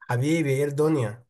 حبيبي، ايه الدنيا؟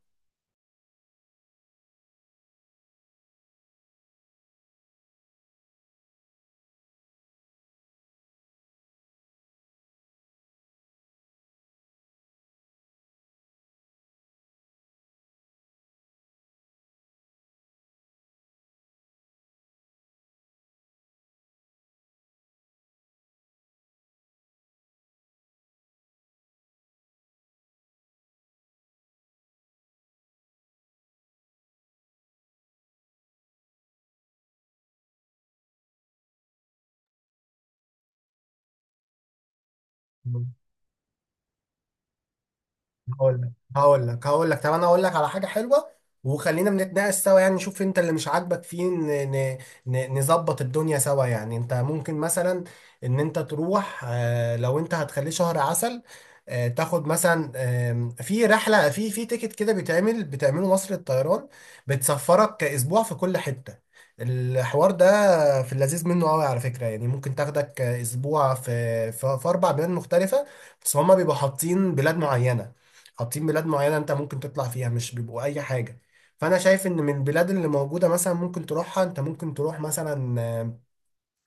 هقول لك هقول لك. طب انا اقول لك على حاجه حلوه، وخلينا بنتناقش سوا. يعني نشوف انت اللي مش عاجبك فيه، نظبط الدنيا سوا. يعني انت ممكن مثلا ان انت تروح، لو انت هتخليه شهر عسل، تاخد مثلا في رحله، في تيكت كده بتعمله مصر الطيران، بتسفرك اسبوع في كل حته. الحوار ده في اللذيذ منه قوي على فكره، يعني ممكن تاخدك اسبوع في اربع بلاد مختلفه. بس هما بيبقوا حاطين بلاد معينة انت ممكن تطلع فيها، مش بيبقوا اي حاجة. فانا شايف ان من البلاد اللي موجودة مثلا ممكن تروحها. انت ممكن تروح مثلا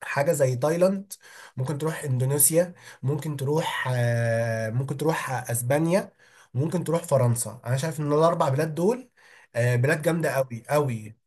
حاجة زي تايلاند، ممكن تروح اندونيسيا، ممكن تروح اسبانيا، ممكن تروح فرنسا. انا شايف ان الاربع بلاد دول بلاد جامدة قوي قوي.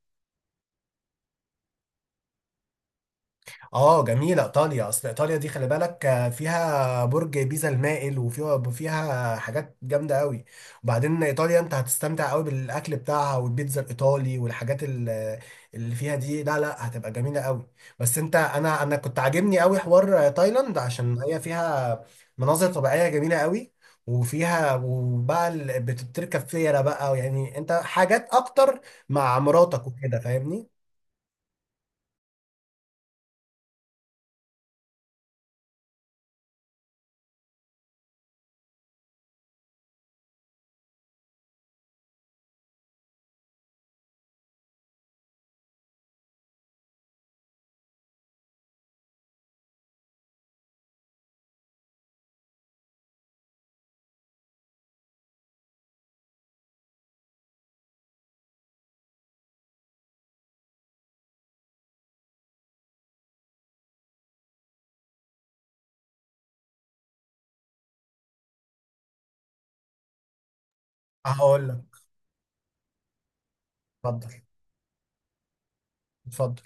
اه، جميلة ايطاليا. اصل ايطاليا دي خلي بالك، فيها برج بيزا المائل، وفيها حاجات جامدة قوي. وبعدين ايطاليا انت هتستمتع قوي بالاكل بتاعها والبيتزا الايطالي والحاجات اللي فيها دي، لا لا، هتبقى جميلة قوي. بس انت انا انا كنت عاجبني قوي حوار تايلاند، عشان هي فيها مناظر طبيعية جميلة قوي، وبقى بتركب فيرة بقى، يعني انت حاجات اكتر مع مراتك وكده، فاهمني؟ هقول لك. اتفضل، اتفضل.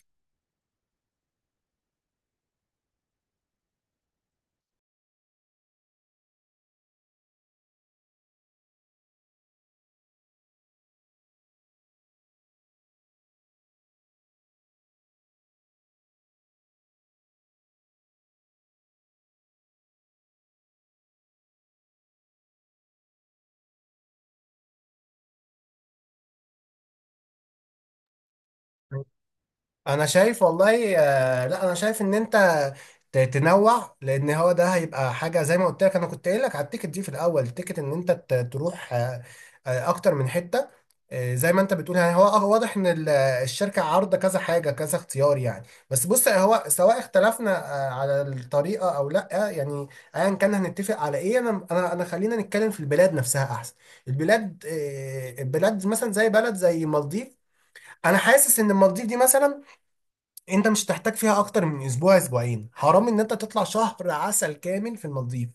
انا شايف والله، لا، انا شايف ان انت تنوع، لان هو ده هيبقى حاجه زي ما قلت لك. انا كنت قايل لك على التيكت دي في الاول، التيكت ان انت تروح اكتر من حته، زي ما انت بتقول، يعني هو واضح ان الشركه عارضه كذا حاجه، كذا اختيار يعني. بس بص، هو سواء اختلفنا على الطريقه او لا، يعني ايا كان هنتفق على ايه. انا انا انا خلينا نتكلم في البلاد نفسها احسن. البلاد مثلا زي بلد زي المالديف. انا حاسس ان المالديف دي مثلا انت مش هتحتاج فيها اكتر من اسبوع، اسبوعين. حرام ان انت تطلع شهر عسل كامل في المالديف،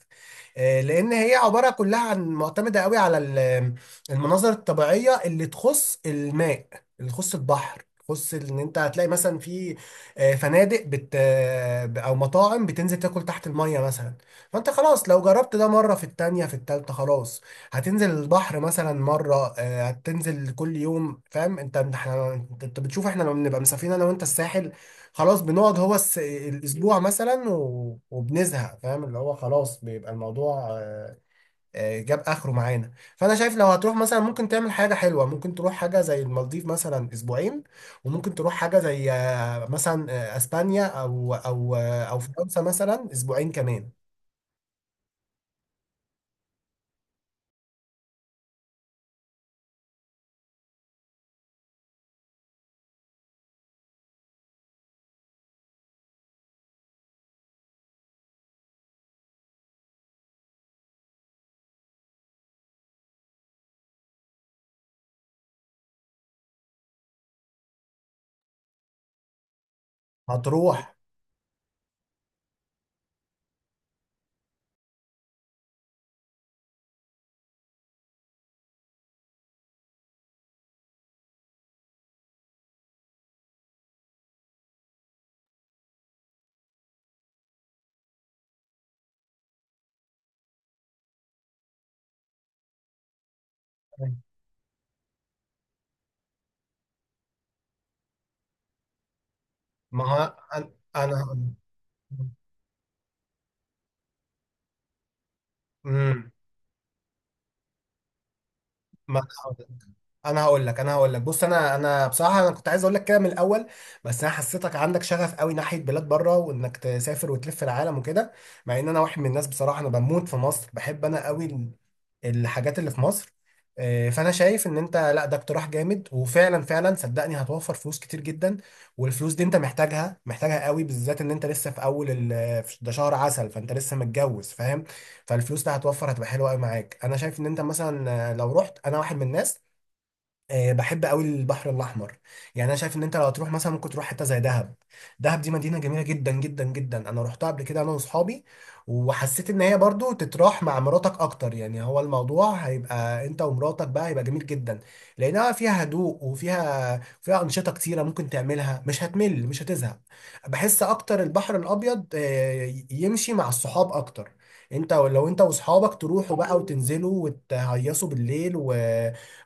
لان هي عباره كلها عن معتمده قوي على المناظر الطبيعيه اللي تخص الماء، اللي تخص البحر، تخص ان انت هتلاقي مثلا في فنادق، بت آه، او مطاعم بتنزل تاكل تحت الميه مثلا. فانت خلاص، لو جربت ده مره، في التانية، في التالتة خلاص، هتنزل البحر مثلا مره، هتنزل كل يوم، فاهم؟ انت احنا انت بتشوف احنا لما بنبقى مسافرين انا وانت الساحل، خلاص بنقعد هو الاسبوع مثلا وبنزهق، فاهم؟ اللي هو خلاص بيبقى الموضوع جاب اخره معانا. فانا شايف لو هتروح مثلا ممكن تعمل حاجه حلوه، ممكن تروح حاجه زي المالديف مثلا اسبوعين، وممكن تروح حاجه زي مثلا اسبانيا او فرنسا مثلا اسبوعين كمان، هتروح. ما هو انا أنا- مم. ما انا هقول لك. بص، انا بصراحه انا كنت عايز اقول لك كده من الاول، بس انا حسيتك عندك شغف قوي ناحيه بلاد بره، وانك تسافر وتلف العالم وكده، مع ان انا واحد من الناس بصراحه انا بموت في مصر، بحب انا قوي الحاجات اللي في مصر. فانا شايف ان انت، لا، ده اقتراح جامد، وفعلا فعلا صدقني هتوفر فلوس كتير جدا. والفلوس دي انت محتاجها محتاجها قوي، بالذات ان انت لسه في اول ده شهر عسل، فانت لسه متجوز، فاهم؟ فالفلوس ده هتوفر، هتبقى حلوه قوي معاك. انا شايف ان انت مثلا لو رحت، انا واحد من الناس بحب قوي البحر الاحمر. يعني انا شايف ان انت لو هتروح مثلا ممكن تروح حته زي دهب. دهب دي مدينه جميله جدا جدا جدا، انا روحتها قبل كده انا واصحابي، وحسيت ان هي برضو تتراح مع مراتك اكتر، يعني هو الموضوع هيبقى انت ومراتك بقى، هيبقى جميل جدا، لانها فيها هدوء، وفيها انشطه كتيره ممكن تعملها، مش هتمل مش هتزهق. بحس اكتر البحر الابيض يمشي مع الصحاب اكتر. انت لو انت واصحابك تروحوا بقى وتنزلوا وتهيصوا بالليل و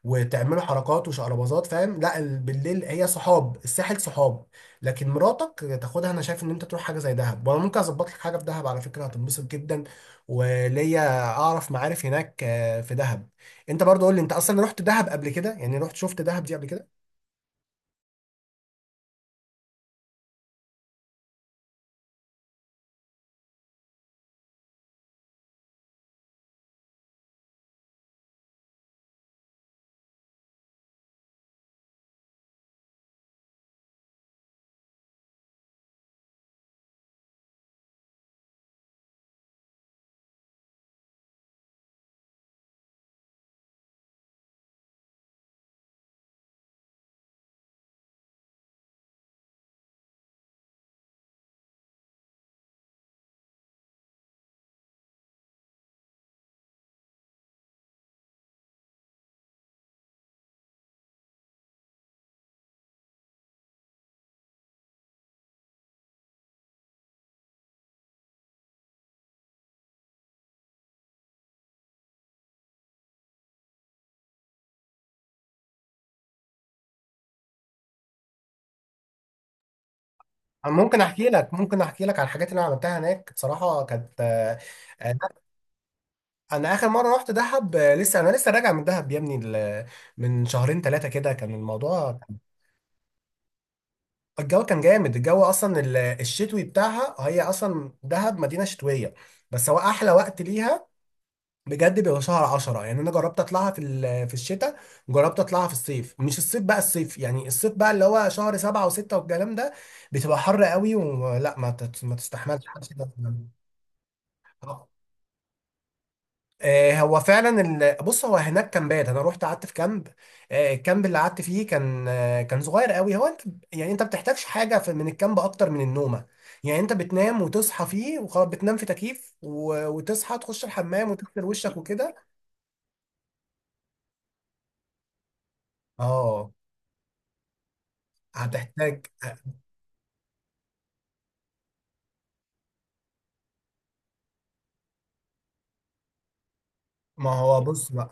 وتعملوا حركات وشقرباظات، فاهم؟ لا بالليل هي صحاب، الساحل صحاب، لكن مراتك تاخدها. انا شايف ان انت تروح حاجه زي دهب، وانا ممكن اظبط لك حاجه في دهب على فكره، هتنبسط جدا، وليا اعرف معارف هناك في دهب. انت برضو قول لي، انت اصلا رحت دهب قبل كده؟ يعني رحت شفت دهب دي قبل كده؟ أنا ممكن احكي لك، على الحاجات اللي انا عملتها هناك، بصراحه كانت آه، انا اخر مره رحت دهب، لسه، انا لسه راجع من دهب يا ابني، من شهرين ثلاثه كده كان الموضوع. الجو كان جامد، الجو اصلا الشتوي بتاعها، هي اصلا دهب مدينه شتويه، بس هو احلى وقت ليها بجد بيبقى شهر 10. يعني انا جربت اطلعها في الشتاء، جربت اطلعها في الصيف، مش الصيف بقى، الصيف يعني الصيف بقى اللي هو شهر 7 و6 والكلام ده، بتبقى حر قوي، ولا ما تستحملش حد كده. هو فعلا بص هو هناك كامبات، انا رحت قعدت في كامب. الكامب اللي قعدت فيه كان كان صغير قوي. هو انت يعني انت بتحتاجش حاجه من الكامب اكتر من النومه. يعني انت بتنام وتصحى فيه وخلاص، بتنام في تكييف وتصحى تخش الحمام وتغسل وشك وكده. اه، هتحتاج ما هو بص بقى.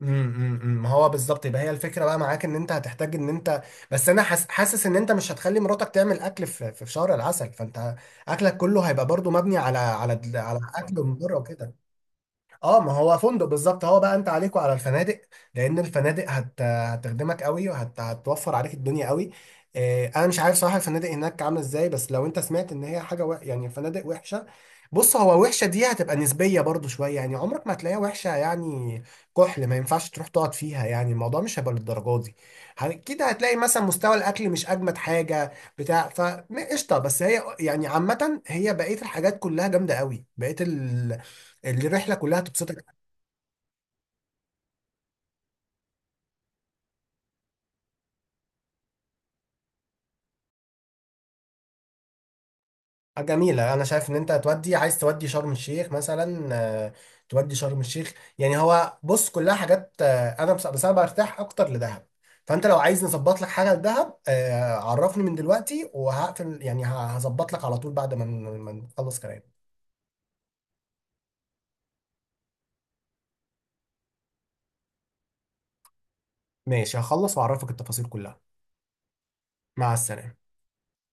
امم ما هو بالظبط، يبقى هي الفكره بقى معاك، ان انت هتحتاج ان انت، بس انا حاسس ان انت مش هتخلي مراتك تعمل اكل في شهر العسل، فانت اكلك كله هيبقى برضو مبني على اكل من بره وكده. اه، ما هو فندق بالظبط، هو بقى انت عليك وعلى الفنادق، لان الفنادق هتخدمك قوي وهتوفر عليك الدنيا قوي. انا مش عارف صراحه الفنادق هناك عامله ازاي، بس لو انت سمعت ان هي حاجه، يعني الفنادق وحشه، بص هو وحشه دي هتبقى نسبيه برضو شويه يعني، عمرك ما هتلاقيها وحشه يعني كحل ما ينفعش تروح تقعد فيها، يعني الموضوع مش هيبقى للدرجه دي. اكيد هتلاقي مثلا مستوى الاكل مش اجمد حاجه بتاع فقشطه، بس هي يعني عامه هي بقيه الحاجات كلها جامده قوي، بقيه الرحله كلها تبسطك. حاجة جميله. انا شايف ان انت هتودي، عايز تودي شرم الشيخ مثلا، آه، تودي شرم الشيخ، يعني هو بص كلها حاجات انا بس انا برتاح اكتر لدهب. فانت لو عايز نظبط لك حاجه لدهب عرفني من دلوقتي وهقفل، يعني هظبط لك على طول بعد ما ما نخلص كلام. ماشي، هخلص واعرفك التفاصيل كلها. مع السلامه.